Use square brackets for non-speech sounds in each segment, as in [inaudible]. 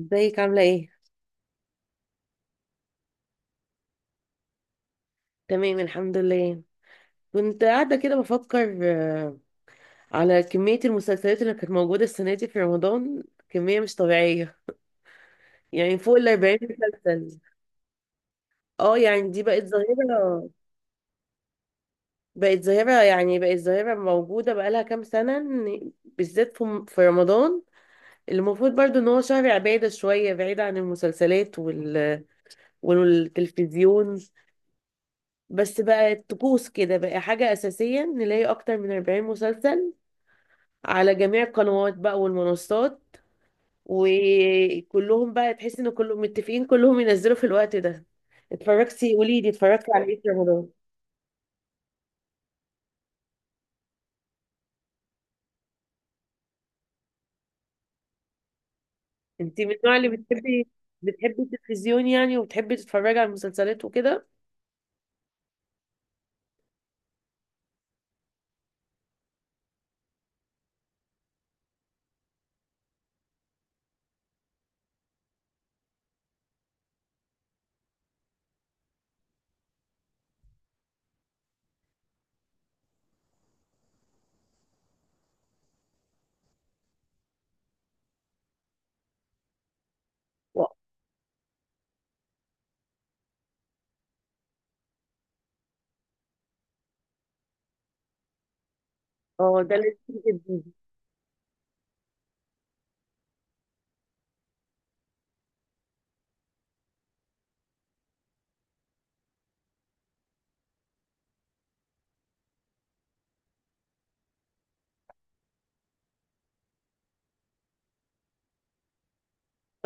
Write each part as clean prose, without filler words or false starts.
ازيك عاملة ايه؟ تمام الحمد لله. كنت قاعدة كده بفكر على كمية المسلسلات اللي كانت موجودة السنة دي في رمضان. كمية مش طبيعية، يعني فوق الأربعين مسلسل. اه، يعني دي بقت ظاهرة. بقت ظاهرة، يعني بقت ظاهرة موجودة بقالها كام سنة بالذات في رمضان، اللي المفروض برضو ان هو شهر عبادة شوية بعيد عن المسلسلات والتلفزيون. بس بقت طقوس كده، بقى حاجة أساسية نلاقي أكتر من 40 مسلسل على جميع القنوات بقى والمنصات، وكلهم بقى تحس ان كلهم متفقين كلهم ينزلوا في الوقت ده. اتفرجتي؟ قولي لي، اتفرجتي على ايه في رمضان؟ انت من النوع اللي بتحبي، بتحبي التلفزيون يعني، وبتحبي تتفرجي على المسلسلات وكده و- اه، ده لذيذ جدا.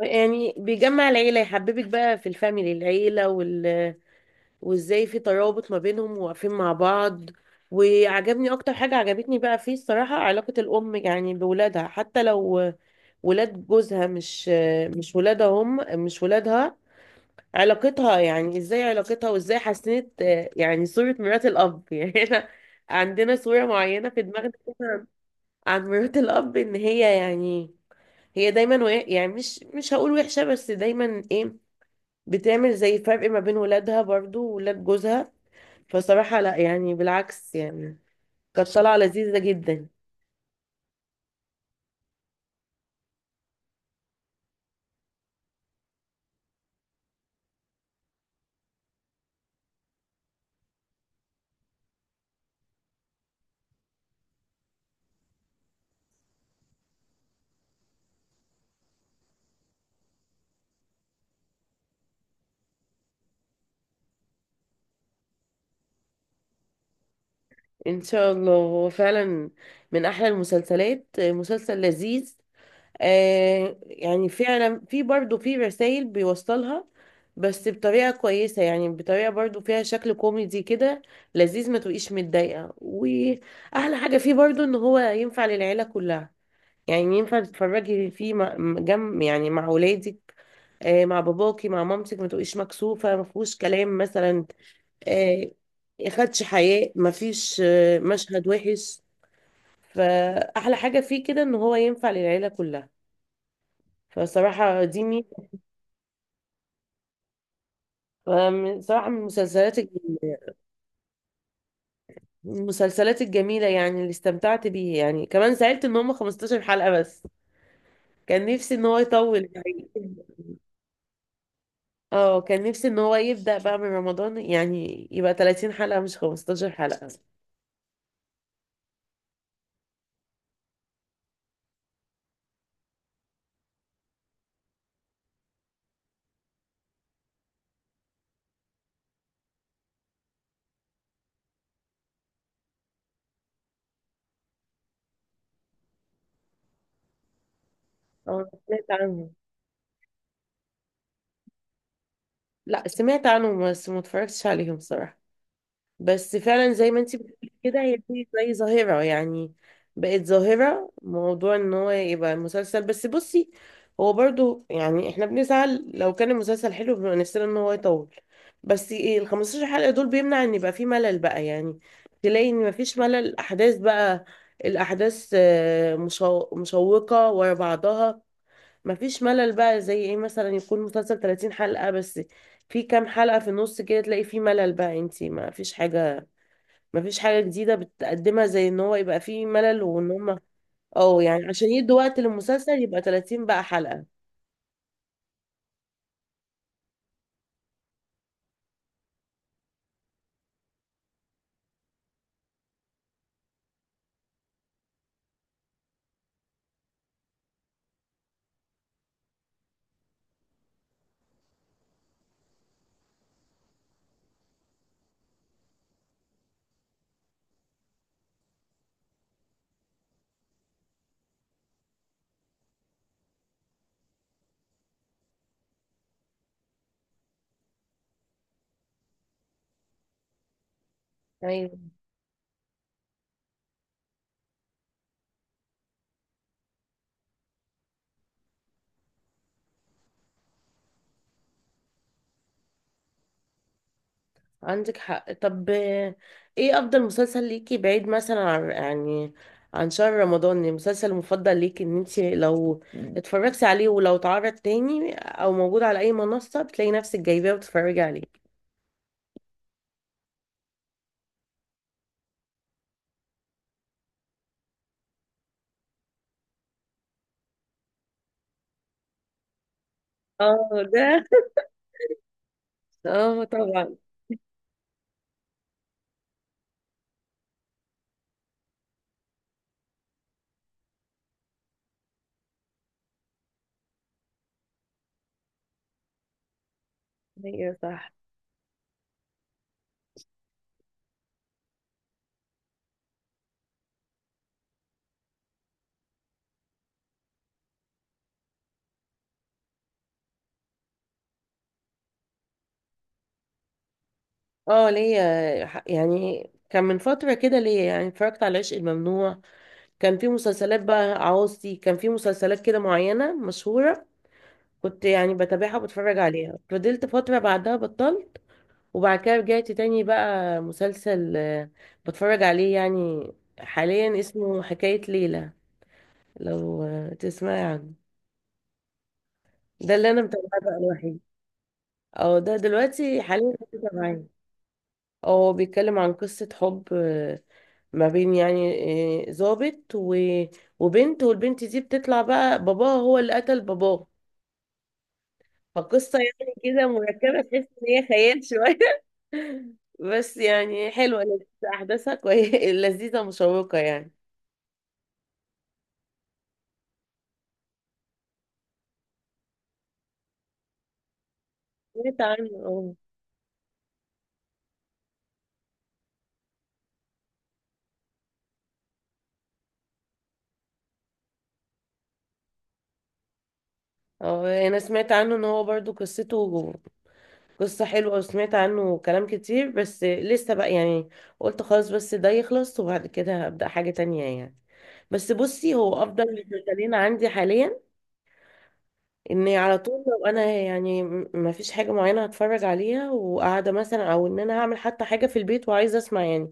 يعني بيجمع العيلة، يحببك بقى في الفاميلي، العيلة وازاي في ترابط ما بينهم وواقفين مع بعض. وعجبني اكتر حاجة عجبتني بقى فيه الصراحة علاقة الام يعني بولادها، حتى لو ولاد جوزها، مش مش ولادها، هم مش ولادها. علاقتها يعني، ازاي علاقتها وازاي حسنت يعني صورة مرات الأب [laughs] يعني احنا عندنا صورة معينة في دماغنا عن مرات الأب، إن هي يعني هي دايما يعني مش هقول وحشة، بس دايما ايه، بتعمل زي فرق ما بين ولادها برضو وولاد جوزها. فصراحة لا، يعني بالعكس يعني، كانت طالعة لذيذة جدا. ان شاء الله. هو فعلا من احلى المسلسلات، مسلسل لذيذ. آه، يعني فعلا في برضه في رسائل بيوصلها، بس بطريقة كويسة، يعني بطريقة برضه فيها شكل كوميدي كده لذيذ، ما تبقيش متضايقة. وأحلى حاجة فيه برضه إن هو ينفع للعيلة كلها، يعني ينفع تتفرجي فيه جنب، يعني مع ولادك، آه، مع باباكي، مع مامتك، ما تبقيش مكسوفة، ما فيهوش كلام مثلا، آه خدش حياء، ما فيش مشهد وحش. فأحلى حاجة فيه كده إن هو ينفع للعيلة كلها. فصراحة دي صراحة من من المسلسلات الجميلة يعني، اللي استمتعت بيه، يعني كمان زعلت ان هم 15 حلقة بس. كان نفسي ان هو يطول [laughs] يعني. اه، كان نفسي ان هو يبدأ بقى من رمضان، يعني يبقى 30 حلقة مش 15 حلقة. اه، سمعت عنه. لا، سمعت عنه بس ما اتفرجتش عليهم صراحة. بس فعلا زي ما انتي بتقولي كده، هي دي زي ظاهرة يعني، بقت ظاهرة، موضوع ان هو يبقى مسلسل. بس بصي، هو برضو يعني احنا بنسعى لو كان المسلسل حلو بنبقى نفسنا ان هو يطول، بس ايه، ال 15 حلقة دول بيمنع ان يبقى فيه ملل بقى، يعني تلاقي ان مفيش ملل، الاحداث بقى، الاحداث مشوقة ورا بعضها، مفيش ملل بقى. زي ايه، مثلا يكون مسلسل 30 حلقة بس، في كام حلقة في النص كده تلاقي فيه ملل بقى، انتي ما فيش حاجة، مفيش حاجة جديدة بتقدمها، زي ان هو يبقى فيه ملل، وان هما اه يعني عشان يدوا وقت للمسلسل يبقى 30 بقى حلقة. ايوه، عندك حق. طب ايه افضل مسلسل ليكي بعيد مثلا عن يعني عن شهر رمضان؟ المسلسل المفضل ليكي ان انت لو اتفرجتي عليه، ولو اتعرض تاني او موجود على اي منصة، بتلاقي نفسك جايباه وتتفرجي عليه. اه ده، اه طبعا، هي صح. اه ليا يعني، كان من فترة كده ليا يعني، اتفرجت على العشق الممنوع. كان في مسلسلات بقى عاوزتي، كان في مسلسلات كده معينة مشهورة، كنت يعني بتابعها وبتفرج عليها، فضلت فترة بعدها بطلت، وبعد كده رجعت تاني بقى مسلسل بتفرج عليه يعني حاليا، اسمه حكاية ليلى، لو تسمعي عنه. ده اللي انا متابعاه بقى الوحيد. اه، ده دلوقتي حاليا كنت متابعاه. هو بيتكلم عن قصة حب ما بين يعني ضابط وبنت، والبنت دي بتطلع بقى باباها هو اللي قتل باباه. فقصة يعني كده مركبة، تحس إن هي خيال شوية. [laughs] بس يعني حلوة، لذيذة، أحداثها كويسة، [laughs] لذيذة مشوقة يعني. سمعت عنه، اه. اه، أنا سمعت عنه إن هو برضو قصته قصة حلوة، وسمعت عنه كلام كتير، بس لسه بقى يعني قلت خلاص بس ده يخلص، وبعد كده هبدأ حاجة تانية يعني. بس بصي، هو أفضل مسلسلين عندي حاليا، اني على طول، لو انا يعني ما فيش حاجه معينه هتفرج عليها وقاعده مثلا، او ان انا هعمل حتى حاجه في البيت وعايزه اسمع يعني.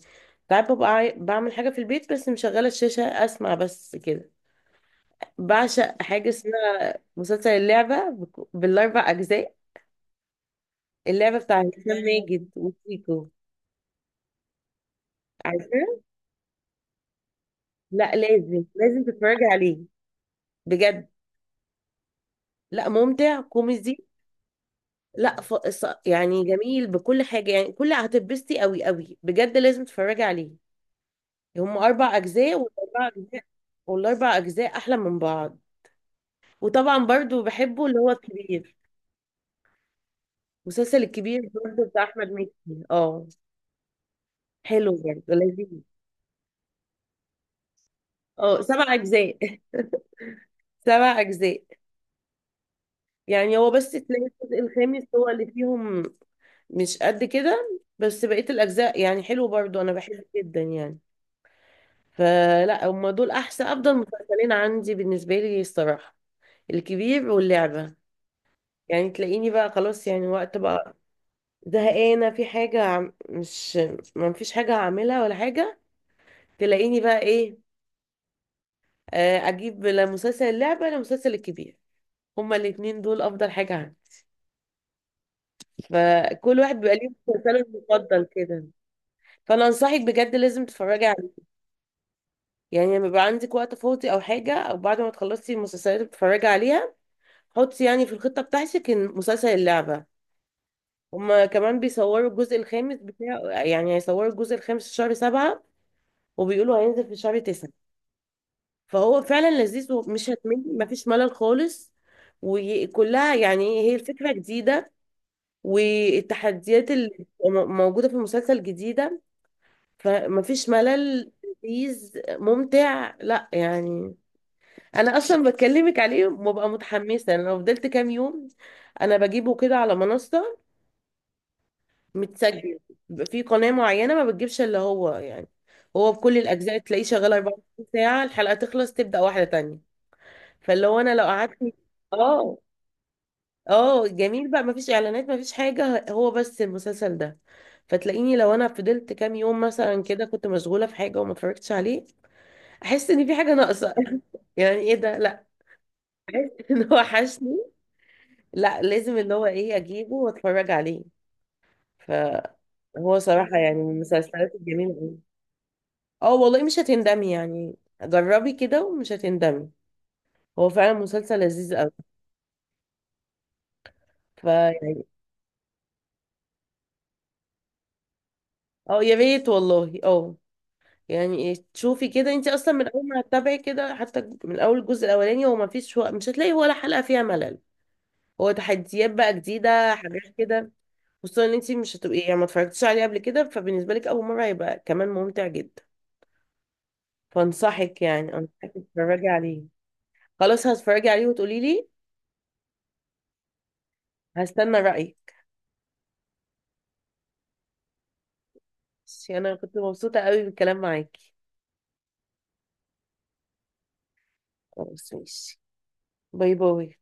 ساعات ببقى بعمل حاجه في البيت بس مشغله الشاشه اسمع بس كده. بعشق حاجه اسمها مسلسل اللعبه بالاربع اجزاء، اللعبه بتاع هشام ماجد وشيكو، عارفه. لا، لازم لازم تتفرجي عليه، بجد. لا، ممتع كوميدي، لا، يعني جميل بكل حاجه، يعني كل هتتبسطي قوي قوي، بجد لازم تتفرجي عليه. هم اربع اجزاء، والاربع اجزاء احلى من بعض. وطبعا برضو بحبه اللي هو الكبير، المسلسل الكبير برضو بتاع احمد مكي. اه، حلو برضو لذيذ. اه، سبع اجزاء [laughs] سبع اجزاء. يعني هو بس تلاقي الجزء الخامس هو اللي فيهم مش قد كده، بس بقية الاجزاء يعني حلو برضو، انا بحبه جدا يعني. فلا، هم دول احسن افضل مسلسلين عندي بالنسبة لي الصراحة، الكبير واللعبة. يعني تلاقيني بقى خلاص، يعني وقت بقى زهقانة في حاجة مش ما فيش حاجة هعملها ولا حاجة، تلاقيني بقى ايه، اجيب لا مسلسل اللعبة لا مسلسل الكبير. هما الاتنين دول افضل حاجة عندي. فكل واحد بيبقى ليه مسلسله المفضل كده. فانا انصحك، بجد لازم تتفرجي عليه، يعني لما يبقى عندك وقت فاضي او حاجة، او بعد ما تخلصي المسلسلات اللي بتتفرجي عليها، حطي يعني في الخطة بتاعتك إن مسلسل اللعبة. هما كمان بيصوروا الجزء الخامس بتاع يعني، هيصوروا الجزء الخامس في شهر سبعة، وبيقولوا هينزل في شهر تسعة. فهو فعلا لذيذ، ومش هتمل، مفيش ملل خالص، وكلها يعني، هي الفكرة جديدة، والتحديات اللي بتبقى موجودة في المسلسل جديدة، فمفيش ملل، لذيذ ممتع، لا يعني. انا اصلا بكلمك عليه وببقى متحمسة. انا لو فضلت كام يوم، انا بجيبه كده على منصة متسجل، بيبقى في قناة معينة ما بتجيبش اللي هو يعني، هو بكل الاجزاء، تلاقيه شغال 24 ساعة، الحلقة تخلص تبدأ واحدة تانية، فاللي هو انا لو قعدت، اه. اه جميل بقى، مفيش اعلانات، مفيش حاجه، هو بس المسلسل ده. فتلاقيني لو انا فضلت كام يوم مثلا كده، كنت مشغوله في حاجه وما اتفرجتش عليه، احس ان في حاجه ناقصه [laughs] يعني ايه ده، لا، [laughs] ان هو وحشني، لا لازم اللي هو ايه، اجيبه واتفرج عليه. فهو صراحه يعني من المسلسلات الجميله أوي. اه والله، مش هتندمي يعني، جربي كده ومش هتندمي، هو فعلا مسلسل لذيذ قوي. فيعني اه، يا ريت والله، اه. يعني ايه، تشوفي كده، انت اصلا من اول ما هتتابعي كده، حتى من اول الجزء الاولاني، هو ما فيش، هو مش هتلاقي ولا حلقه فيها ملل، هو تحديات بقى جديده، حاجات كده. خصوصا ان انت مش هتبقي يعني ما اتفرجتيش عليه قبل كده، فبالنسبه لك اول مره هيبقى كمان ممتع جدا. فانصحك، يعني انصحك تتفرجي عليه. خلاص، هتفرجي عليه وتقولي لي، هستنى رايك. ماشي، انا كنت مبسوطه قوي بالكلام معاكي. خلاص ماشي، باي باي.